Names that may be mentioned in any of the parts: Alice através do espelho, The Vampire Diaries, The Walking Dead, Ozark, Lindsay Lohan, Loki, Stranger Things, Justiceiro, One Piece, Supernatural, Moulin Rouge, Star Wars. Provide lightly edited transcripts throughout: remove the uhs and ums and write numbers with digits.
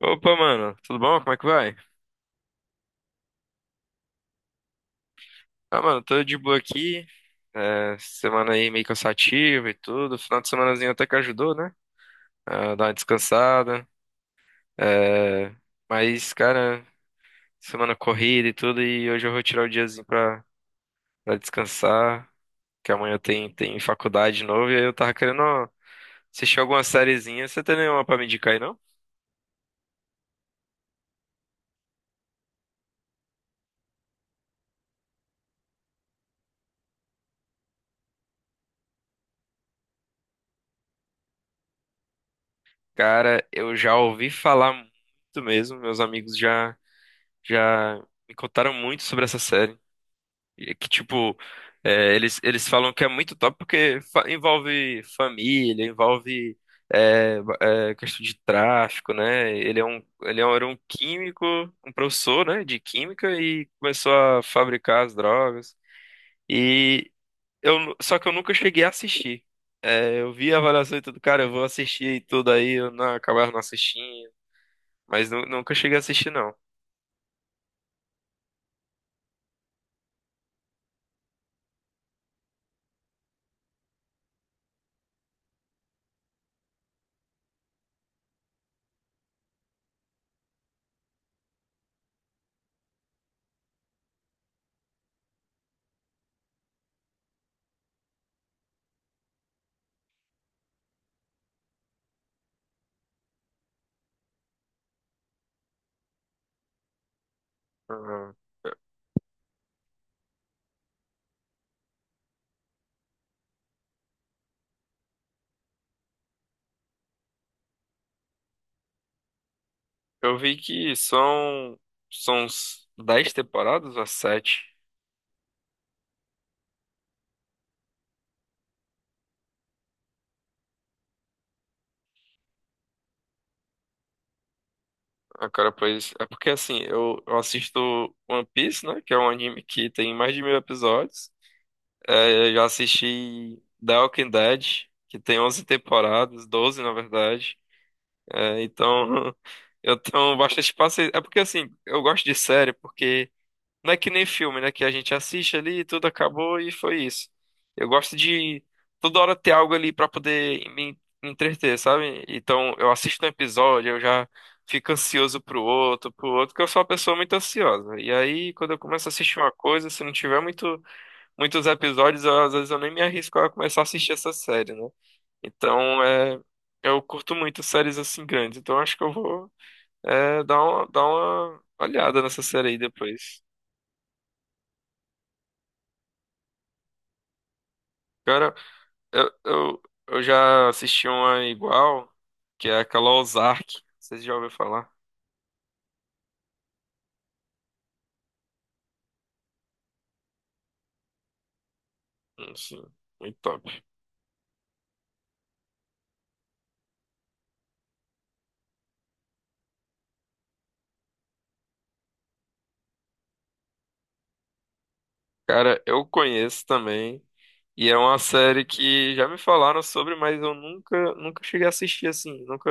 Opa, mano, tudo bom? Como é que vai? Ah, mano, tô de boa aqui. É, semana aí meio cansativa e tudo. Final de semanazinho até que ajudou, né? A dar uma descansada. É, mas, cara, semana corrida e tudo. E hoje eu vou tirar o diazinho pra descansar. Que amanhã tem faculdade de novo. E aí eu tava querendo assistir alguma sériezinha. Você tem nenhuma pra me indicar aí, não? Cara, eu já ouvi falar muito mesmo. Meus amigos já me contaram muito sobre essa série. E que, tipo, eles falam que é muito top porque envolve família, envolve questão de tráfico, né? Era um químico, um professor, né, de química, e começou a fabricar as drogas. E Só que eu nunca cheguei a assistir. É, eu vi a avaliação e tudo, cara, eu vou assistir e tudo aí, eu não, acabava não assistindo, mas nunca cheguei a assistir, não. Uhum. Eu vi que são uns 10 temporadas ou 7 Ah, cara, pois é porque assim, eu assisto One Piece, né? Que é um anime que tem mais de 1.000 episódios. É, eu já assisti The Walking Dead, que tem 11 temporadas, 12 na verdade. É, então eu tenho bastante paciência. É porque assim, eu gosto de série porque. Não é que nem filme, né? Que a gente assiste ali, tudo acabou e foi isso. Eu gosto de toda hora ter algo ali pra poder me entreter, sabe? Então eu assisto um episódio, eu já fico ansioso pro outro, porque eu sou uma pessoa muito ansiosa. E aí, quando eu começo a assistir uma coisa, se não tiver muitos episódios, às vezes eu nem me arrisco a começar a assistir essa série, né? Então, eu curto muito séries assim grandes. Então acho que eu vou, dar uma olhada nessa série aí depois. Cara, Eu, eu, eu já assisti uma igual, que é aquela Ozark. Vocês já ouviram falar? Sim, muito top. Cara, eu conheço também. E é uma série que já me falaram sobre, mas eu nunca cheguei a assistir assim. Nunca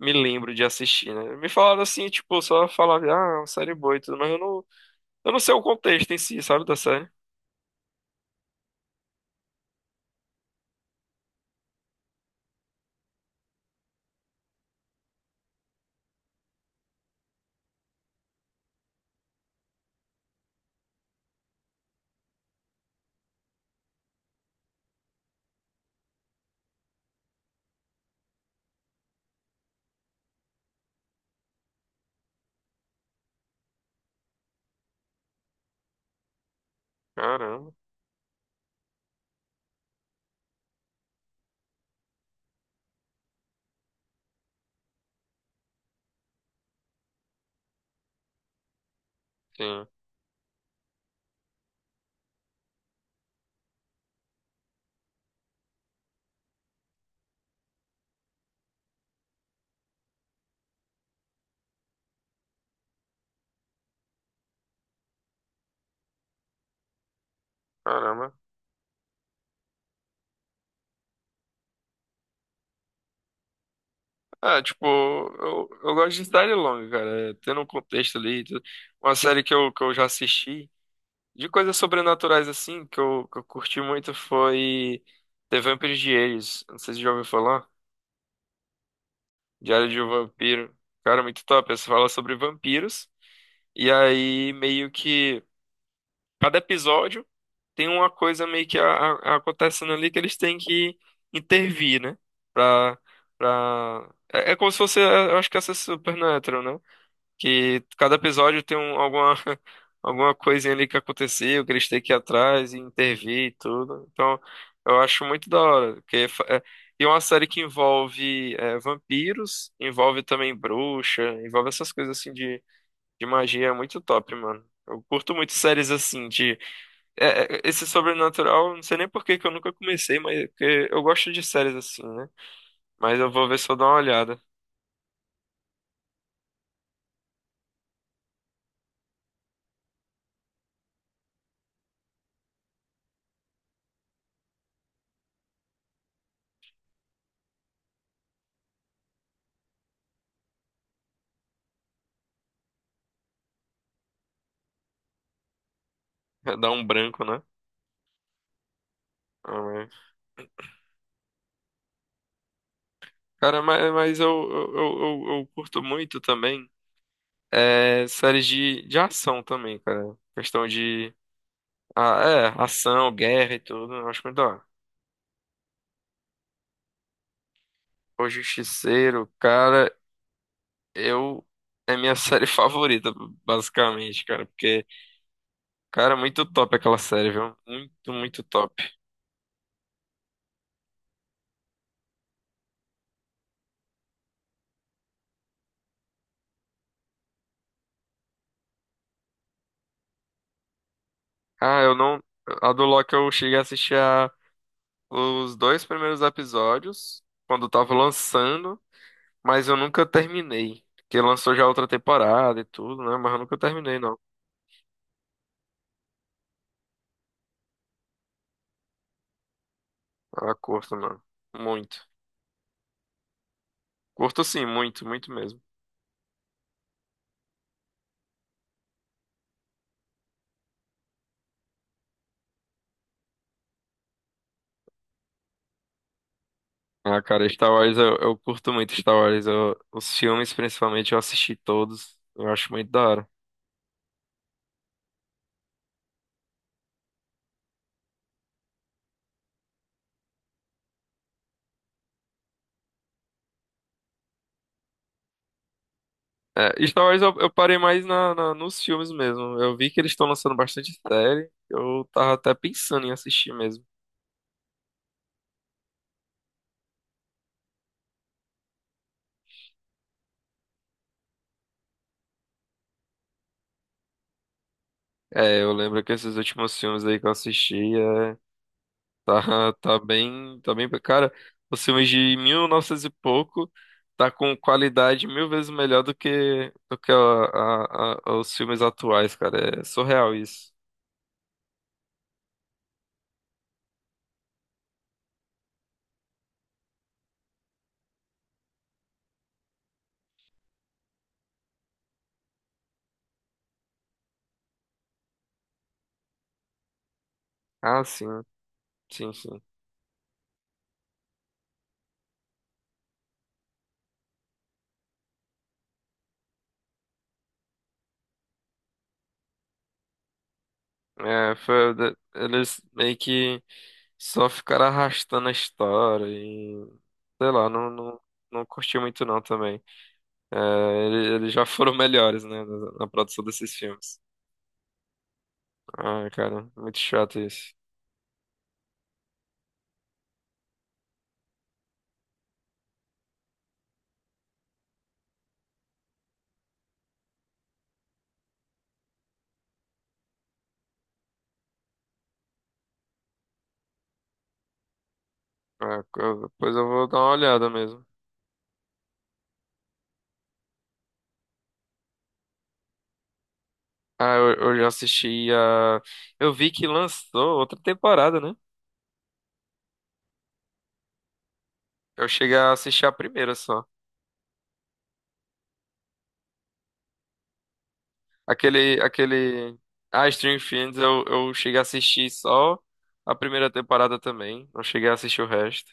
me lembro de assistir, né? Me falaram assim, tipo, só falavam, ah, é uma série boa e tudo, mas eu não sei o contexto em si, sabe, da série. Caramba, sim. Caramba, ah, tipo, eu gosto de cidade longa, cara. Tendo um contexto ali, e tudo. Uma série que eu já assisti, de coisas sobrenaturais assim, que eu curti muito foi The Vampire Diaries. Não sei se você já ouviu falar. Diário de um Vampiro. Cara, muito top. Essa fala sobre vampiros. E aí, meio que cada episódio tem uma coisa meio que acontecendo ali que eles têm que intervir, né? Pra, é, como se fosse, eu acho que essa é Supernatural, né? Que cada episódio tem alguma, alguma coisinha ali que aconteceu, que eles têm que ir atrás e intervir e tudo. Então, eu acho muito da hora. Porque, e é uma série que envolve vampiros, envolve também bruxa, envolve essas coisas assim de magia, é muito top, mano. Eu curto muito séries assim de esse sobrenatural, não sei nem por que que eu nunca comecei, mas porque eu gosto de séries assim, né? Mas eu vou ver se eu dou uma olhada. Dá um branco, né? Cara, mas eu curto muito também séries de ação também, cara. Questão de ação, guerra e tudo. Eu acho muito da hora. O Justiceiro, cara, eu. É minha série favorita, basicamente, cara. Porque, cara, é muito top aquela série, viu? Muito, muito top. Ah, eu não. A do Loki eu cheguei a assistir os dois primeiros episódios, quando tava lançando. Mas eu nunca terminei. Porque lançou já outra temporada e tudo, né? Mas eu nunca terminei, não. Ah, curto, mano. Muito. Curto sim, muito, muito mesmo. Ah, cara, Star Wars eu curto muito Star Wars. Os filmes, principalmente, eu assisti todos. Eu acho muito da hora. É, Star Wars eu parei mais na, nos filmes mesmo. Eu vi que eles estão lançando bastante série. Eu tava até pensando em assistir mesmo. É, eu lembro que esses últimos filmes aí que eu assisti. Tá, tá bem, cara, os filmes de 1900 e pouco tá com qualidade mil vezes melhor do que os filmes atuais, cara. É surreal isso. Ah, sim, sim, sim. É, foi, eles meio que só ficaram arrastando a história e sei lá, não, não, não curti muito não também. É, eles já foram melhores, né, na produção desses filmes. Ah, cara, muito chato isso. Ah, depois eu vou dar uma olhada mesmo. Ah, eu já assisti a. Eu vi que lançou outra temporada, né? Eu cheguei a assistir a primeira só. Aquele, aquele. Ah, Stranger Things, eu cheguei a assistir só a primeira temporada também. Não cheguei a assistir o resto.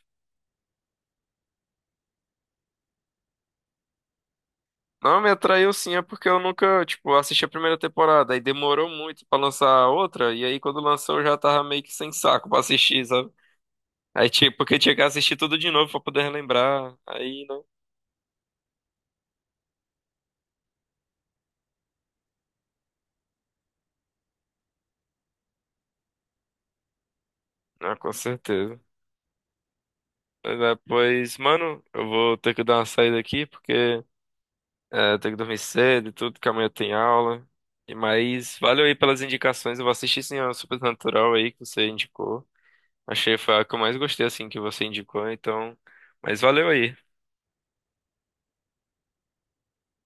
Não, me atraiu sim, é porque eu nunca, tipo, assisti a primeira temporada e demorou muito pra lançar a outra. E aí quando lançou eu já tava meio que sem saco pra assistir, sabe? Aí, tipo, porque tinha que assistir tudo de novo pra poder relembrar. Aí. Ah, com certeza. Mas é, pois, mano, eu vou ter que dar uma saída aqui, porque tenho que dormir cedo e tudo, que amanhã tem aula. E mas valeu aí pelas indicações. Eu vou assistir sim a Supernatural aí que você indicou. Achei foi a que eu mais gostei assim que você indicou, então. Mas valeu aí.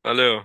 Valeu.